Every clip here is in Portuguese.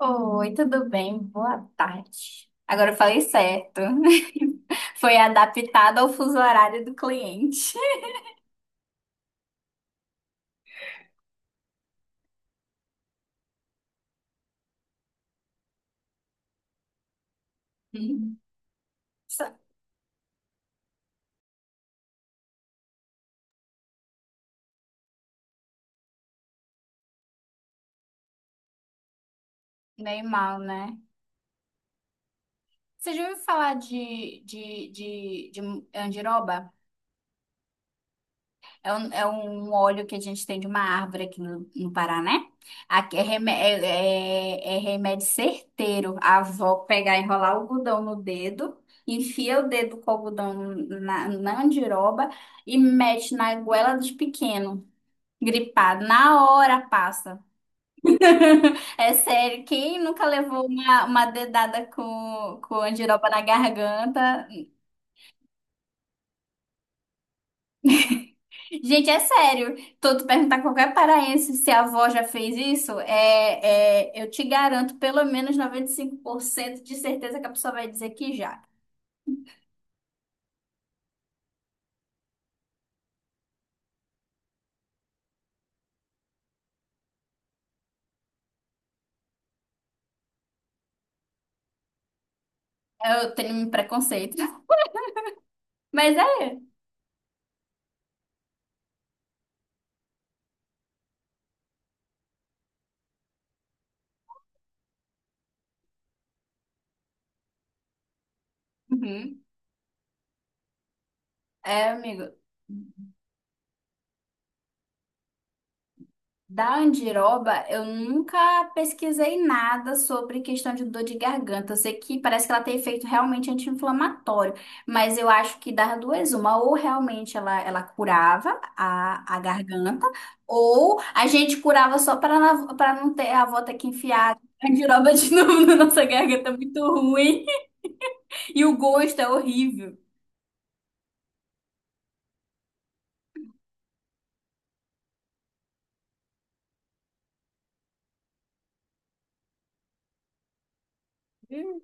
Oi, tudo bem? Boa tarde. Agora eu falei certo. Foi adaptado ao fuso horário do cliente. Hum. Só- Meio mal, né? Você já ouviu falar de andiroba? É um óleo que a gente tem de uma árvore aqui no Paraná. Aqui é remédio certeiro. A avó pegar, enrolar o algodão no dedo, enfia o dedo com o algodão na andiroba e mete na goela de pequeno, gripado. Na hora passa. É sério, quem nunca levou uma dedada com andiroba na garganta. Gente, é sério. Tô tu perguntar a qualquer paraense se a avó já fez isso, eu te garanto pelo menos 95% de certeza que a pessoa vai dizer que já. Eu tenho um preconceito. Mas é. Uhum. É, amigo. Da andiroba, eu nunca pesquisei nada sobre questão de dor de garganta. Eu sei que parece que ela tem efeito realmente anti-inflamatório, mas eu acho que das duas, uma, ou realmente ela curava a garganta, ou a gente curava só para não ter a avó ter que enfiar a andiroba de novo na nossa garganta, é muito ruim, e o gosto é horrível. Hum.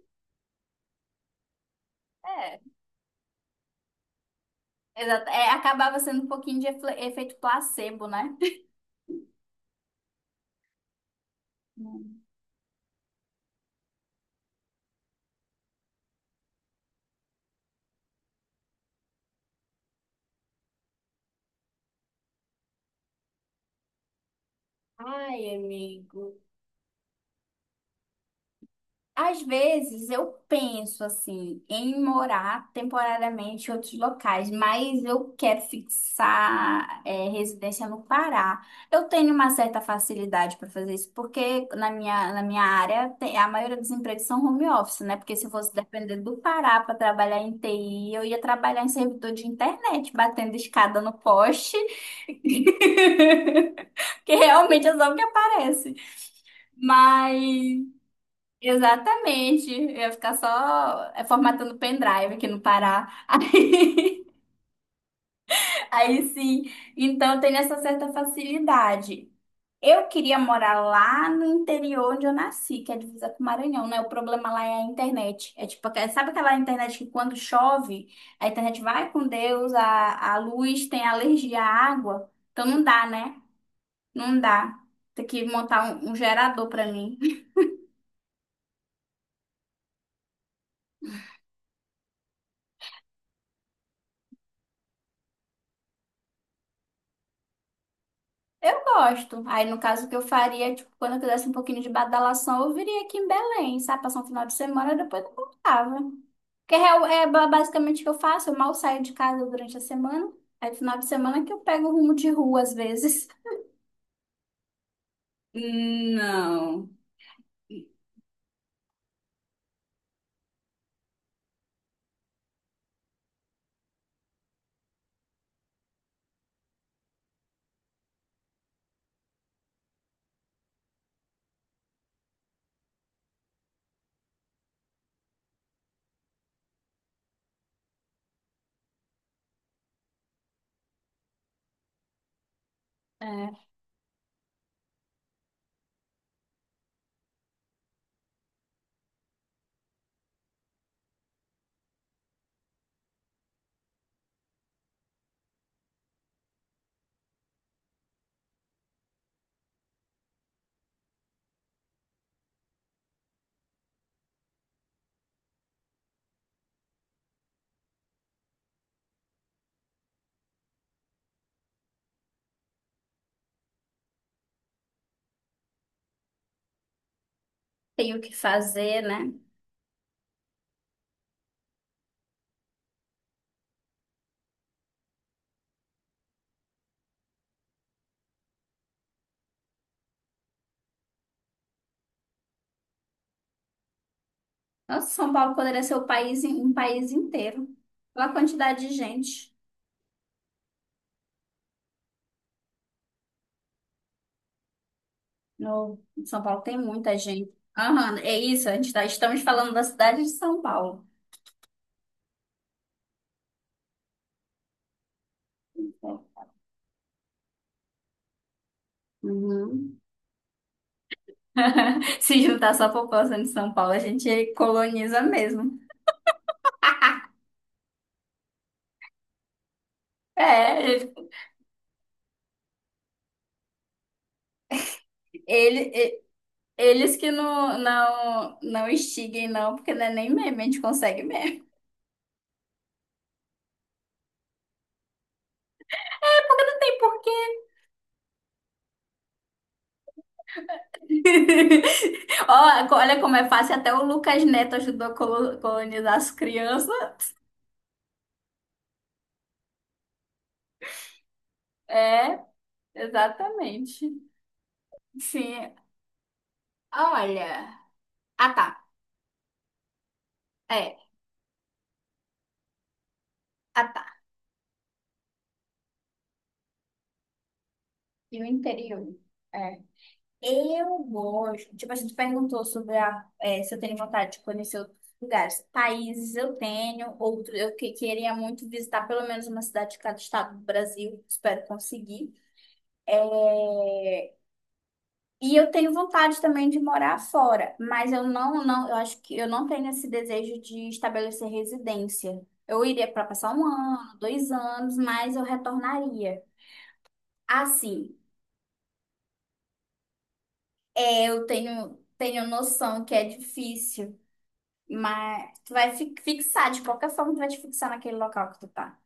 É, exato. É, acabava sendo um pouquinho de efeito placebo, né? Ai, amigo. Às vezes eu penso assim em morar temporariamente em outros locais, mas eu quero fixar é, residência no Pará. Eu tenho uma certa facilidade para fazer isso, porque na minha área tem- a maioria dos empregos são home office, né? Porque se eu fosse depender do Pará para trabalhar em TI, eu ia trabalhar em servidor de internet, batendo escada no poste, que realmente é só o que aparece. Mas Exatamente. Eu ia ficar só é, formatando pendrive aqui no Pará. Aí, aí sim. Então tem essa certa facilidade. Eu queria morar lá no interior onde eu nasci, que é a divisa com o Maranhão, né? O problema lá é a internet. É tipo, sabe aquela internet que quando chove, a internet vai com Deus, a luz tem alergia à água. Então não dá, né? Não dá. Tem que montar um gerador pra mim. Eu gosto. Aí, no caso, o que eu faria, tipo, quando eu quisesse um pouquinho de badalação, eu viria aqui em Belém, sabe? Passar um final de semana, depois eu voltava. Porque é, real- é ba- basicamente o que eu faço, eu mal saio de casa durante a semana. Aí, no final de semana, que eu pego o rumo de rua, às vezes. Não. É, tenho o que fazer, né? Nossa, São Paulo poderia ser o país, um país inteiro. Olha a quantidade de gente. No São Paulo tem muita gente. Aham, é isso, a gente tá, estamos falando da cidade de São Paulo. É. Uhum. Se juntar só a população de São Paulo, a gente coloniza mesmo. É, ele, e- eles que não, não, não instiguem, não, porque não é nem meme, a gente consegue meme. Tem porquê. Ó, olha como é fácil, até o Lucas Neto ajudou a colonizar as crianças. É, exatamente. Sim, olha. Ah, tá. É, ah, tá. E o interior? É. Eu gosto. Tipo, a gente perguntou sobre a, se eu tenho vontade de conhecer outros lugares. Países eu tenho, outro eu que queria muito visitar pelo menos uma cidade de cada estado do Brasil. Espero conseguir. É, e eu tenho vontade também de morar fora, mas eu não, não, eu acho que eu não tenho esse desejo de estabelecer residência. Eu iria para passar um ano, 2 anos, mas eu retornaria. Assim, é, eu tenho noção que é difícil. Mas tu vai fixar, de qualquer forma, tu vai te fixar naquele local que tu tá.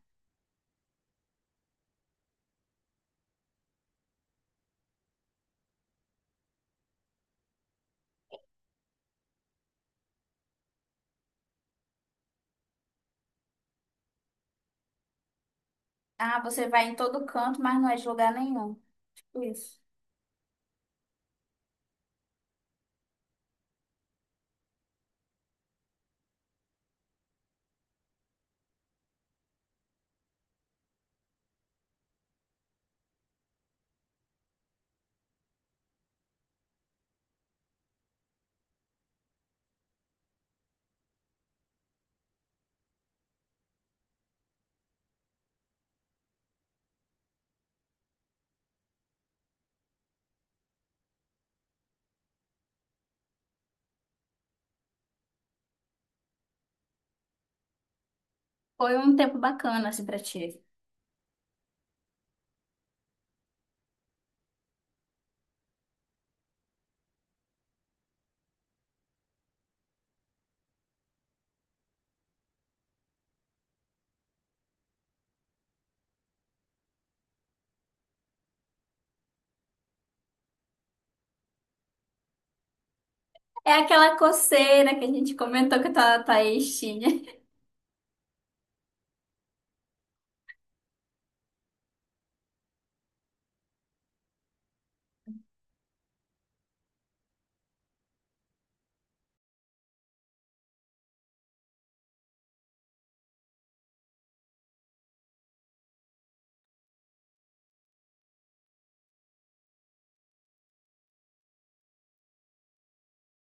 Ah, você vai em todo canto, mas não é de lugar nenhum. Isso. Foi um tempo bacana, assim, pra ti. É aquela coceira que a gente comentou que tá, Thaís tinha.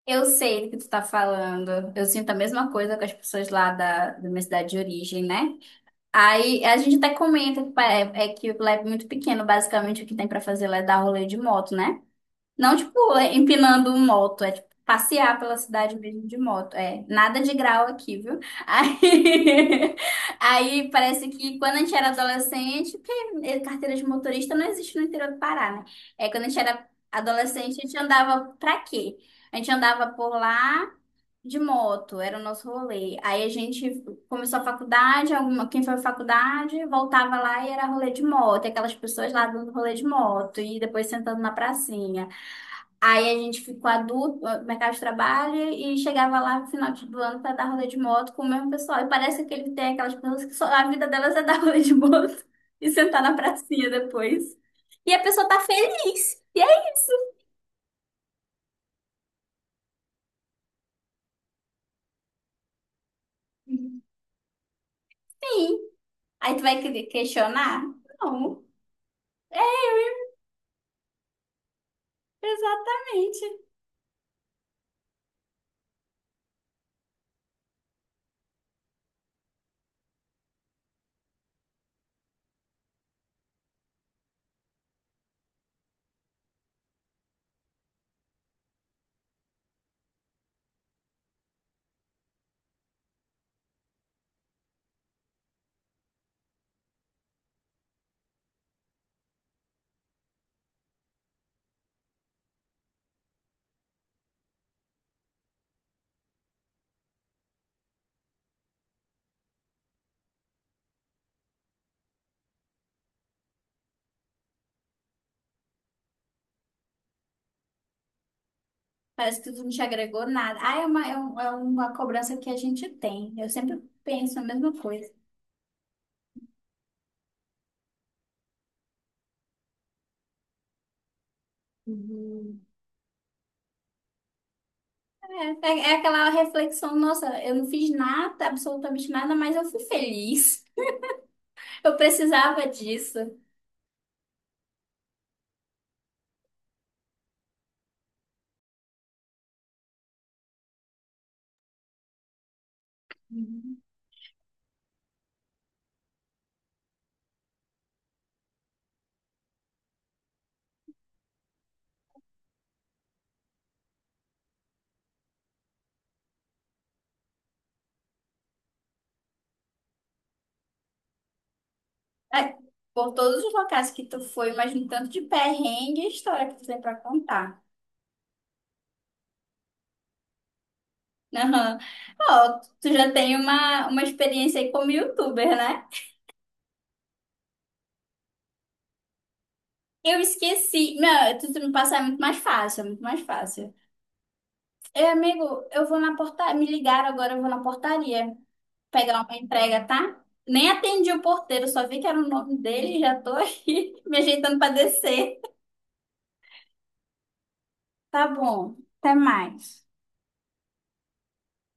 Eu sei do que tu tá falando. Eu sinto a mesma coisa com as pessoas lá da minha cidade de origem, né? Aí a gente até comenta que é que lá é muito pequeno, basicamente o que tem pra fazer lá é dar rolê de moto, né? Não, tipo, é, empinando um moto, é tipo passear pela cidade mesmo de moto. É, nada de grau aqui, viu? Aí, aí parece que quando a gente era adolescente, porque é, carteira de motorista não existe no interior do Pará, né? É, quando a gente era adolescente, a gente andava pra quê? A gente andava por lá de moto, era o nosso rolê. Aí a gente começou a faculdade, alguma, quem foi à faculdade voltava lá e era rolê de moto, e aquelas pessoas lá dando rolê de moto, e depois sentando na pracinha. Aí a gente ficou adulto, no mercado de trabalho, e chegava lá no final do ano para dar rolê de moto com o mesmo pessoal. E parece que ele tem aquelas pessoas que só, a vida delas é dar rolê de moto e sentar na pracinha depois. E a pessoa tá feliz. E é isso, sim. Aí tu vai questionar? Não, exatamente. Parece que tu não te agregou nada. Ah, é uma, é um- é uma cobrança que a gente tem. Eu sempre penso a mesma coisa. É, é é aquela reflexão, nossa, eu não fiz nada, absolutamente nada, mas eu fui feliz. Eu precisava disso. Uhum. É, por todos os locais que tu foi, mas um tanto de perrengue e história que tu tem pra contar. Né? Aham. Ó, tu já tem uma experiência aí como youtuber, né? Eu esqueci. Não, tu me passar é muito mais fácil, é muito mais fácil. É amigo, eu vou na portaria. Me ligaram agora, eu vou na portaria pegar uma entrega, tá? Nem atendi o porteiro, só vi que era o nome dele e já tô aqui me ajeitando pra descer. Tá bom, até mais.